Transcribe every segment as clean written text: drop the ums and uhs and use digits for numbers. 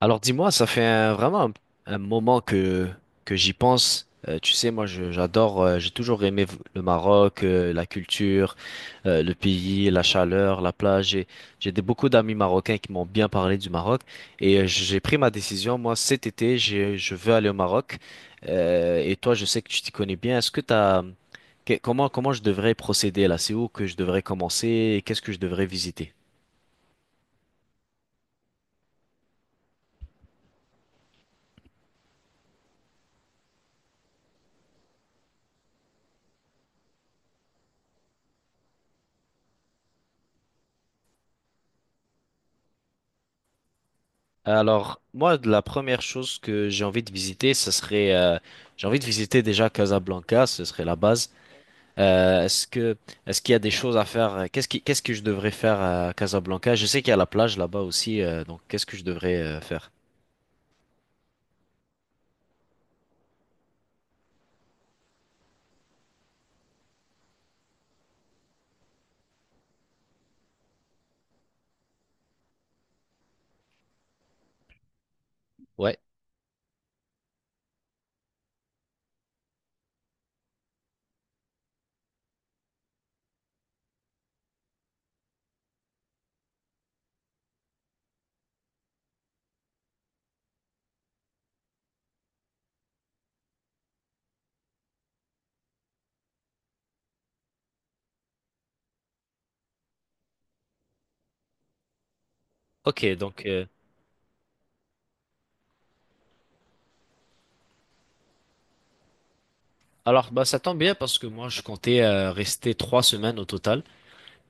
Alors dis-moi, ça fait vraiment un moment que j'y pense. Tu sais, moi j'adore, j'ai toujours aimé le Maroc, la culture, le pays, la chaleur, la plage. J'ai beaucoup d'amis marocains qui m'ont bien parlé du Maroc et j'ai pris ma décision. Moi cet été, je veux aller au Maroc. Et toi, je sais que tu t'y connais bien. Est-ce que t'as, que- Comment, comment je devrais procéder là? C'est où que je devrais commencer et qu'est-ce que je devrais visiter? Alors, moi, de la première chose que j'ai envie de visiter, ce serait, j'ai envie de visiter déjà Casablanca, ce serait la base. Euh, est-ce que, Est-ce qu'il y a des choses à faire? Qu'est-ce que je devrais faire à Casablanca? Je sais qu'il y a la plage là-bas aussi, donc qu'est-ce que je devrais faire? Ouais. Ok, donc, alors, bah, ça tombe bien parce que moi, je comptais rester 3 semaines au total.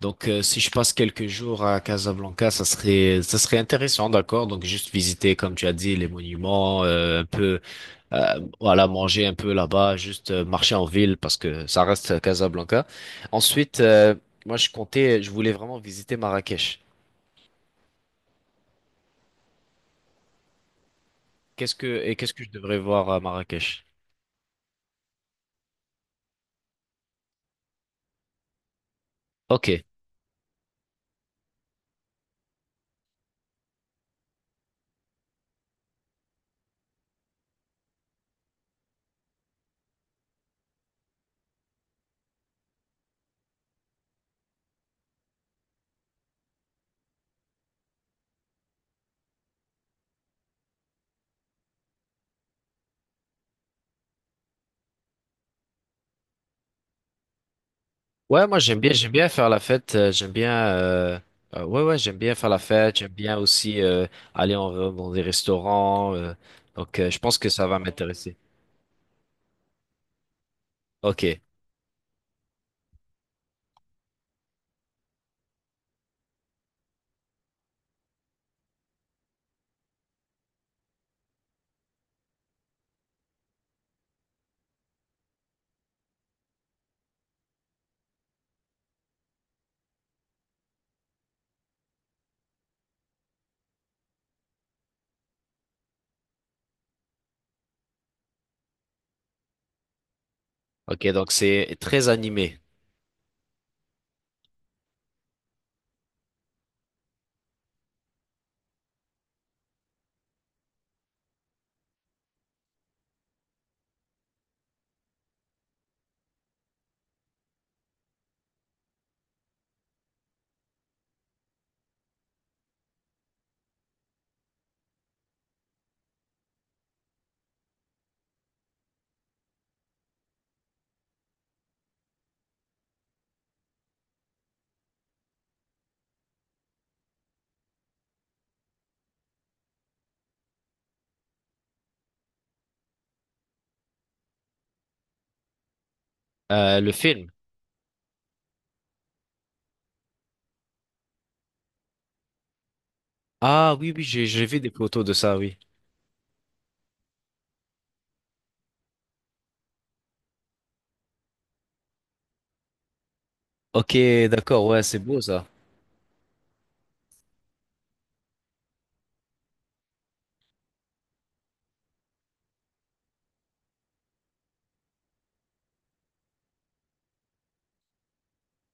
Donc, si je passe quelques jours à Casablanca, ça serait intéressant, d'accord? Donc, juste visiter, comme tu as dit, les monuments, un peu, voilà, manger un peu là-bas, juste marcher en ville parce que ça reste Casablanca. Ensuite, moi, je voulais vraiment visiter Marrakech. Qu'est-ce que je devrais voir à Marrakech? Ok. Ouais, moi j'aime bien faire la fête, j'aime bien, ouais ouais, j'aime bien faire la fête, j'aime bien aussi aller dans des restaurants, donc je pense que ça va m'intéresser. Ok, ok, donc c'est très animé. Le film. Ah oui oui, j'ai vu des photos de ça, oui. Ok, d'accord, ouais, c'est beau ça.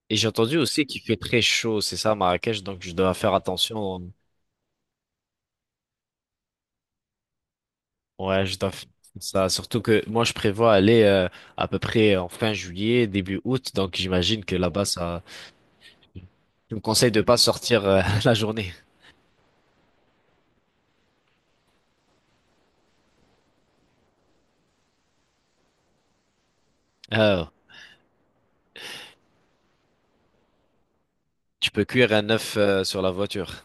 Et j'ai entendu aussi qu'il fait très chaud, c'est ça, à Marrakech, donc je dois faire attention. Ouais, je dois faire ça, surtout que moi je prévois aller à peu près en fin juillet, début août, donc j'imagine que là-bas ça. Tu me conseilles de pas sortir la journée. Euh, Tu peux cuire un œuf sur la voiture.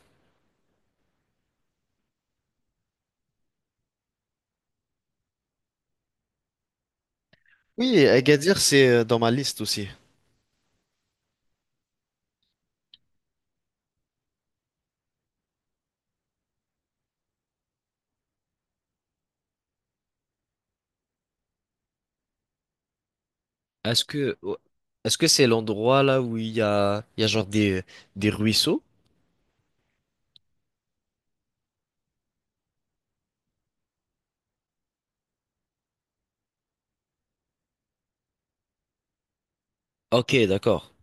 Oui, Agadir, c'est dans ma liste aussi. Est-ce que oh, Est-ce que c'est l'endroit là où il y a genre des ruisseaux? Ok, d'accord.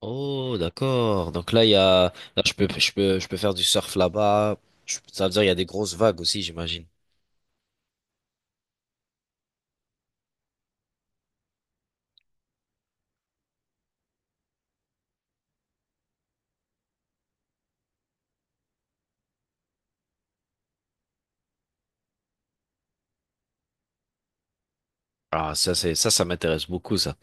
Oh, d'accord. Donc là, il y a, là, je peux faire du surf là-bas. Ça veut dire il y a des grosses vagues aussi, j'imagine. Ah, ça, c'est, ça m'intéresse beaucoup, ça.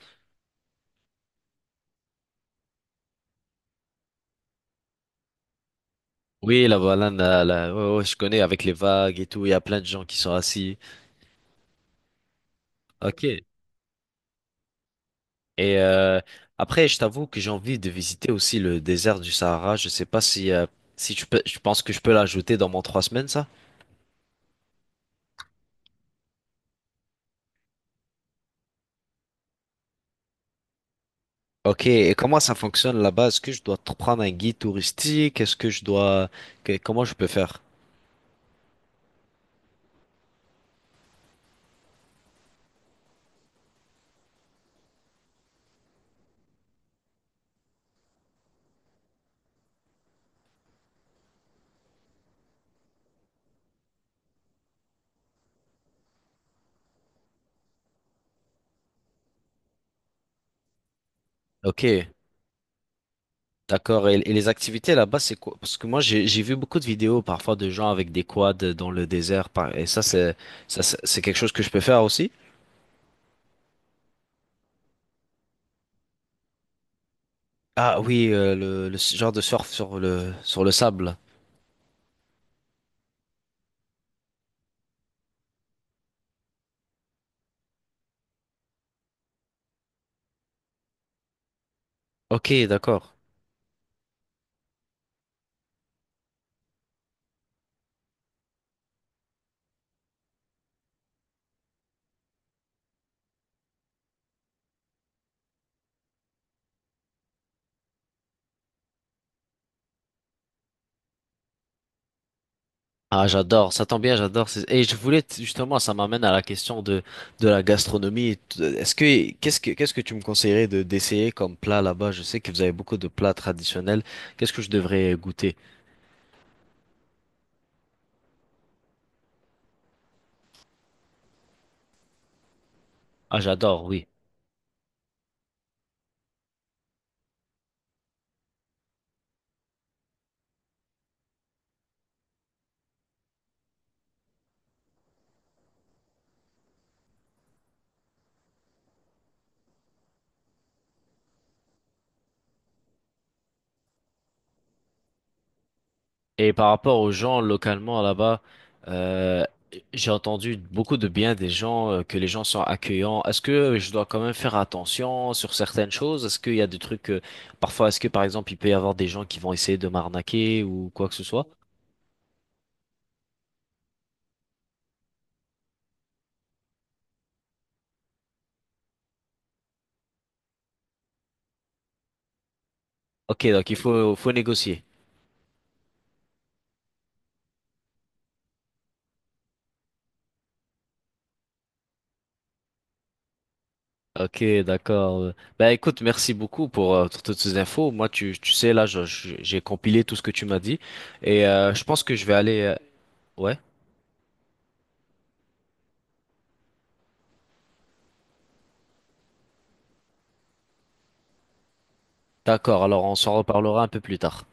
Oui, la banane, là, là, ouais, ouais, je connais avec les vagues et tout. Il y a plein de gens qui sont assis. Ok. Et après, je t'avoue que j'ai envie de visiter aussi le désert du Sahara. Je sais pas si tu peux, je pense que je peux l'ajouter dans mon 3 semaines, ça. Ok. Et comment ça fonctionne là-bas? Est-ce que je dois prendre un guide touristique? Est-ce que je dois, que- Comment je peux faire? Ok. D'accord. Et les activités là-bas, c'est quoi? Parce que moi, j'ai vu beaucoup de vidéos parfois de gens avec des quads dans le désert. Et ça, c'est ça, c'est quelque chose que je peux faire aussi. Ah oui, le genre de surf sur le sable. Ok, d'accord. Ah, j'adore, ça tombe bien, j'adore. Et je voulais justement, ça m'amène à la question de la gastronomie. T- Est-ce que qu'est-ce que qu'est-ce que tu me conseillerais de d'essayer comme plat là-bas? Je sais que vous avez beaucoup de plats traditionnels. Qu'est-ce que je devrais goûter? Ah, j'adore, oui. Et par rapport aux gens localement là-bas, euh, j'ai entendu beaucoup de bien des gens, que les gens sont accueillants. Est-ce que je dois quand même faire attention sur certaines choses? Est-ce qu'il y a des trucs, parfois, est-ce que par exemple, il peut y avoir des gens qui vont essayer de m'arnaquer ou quoi que ce soit? Ok, donc il faut négocier. Ok, d'accord. Ben écoute, merci beaucoup pour toutes ces infos. Moi, tu sais, là, j'ai compilé tout ce que tu m'as dit et je pense que je vais aller. Ouais, d'accord. Alors, on s'en reparlera un peu plus tard.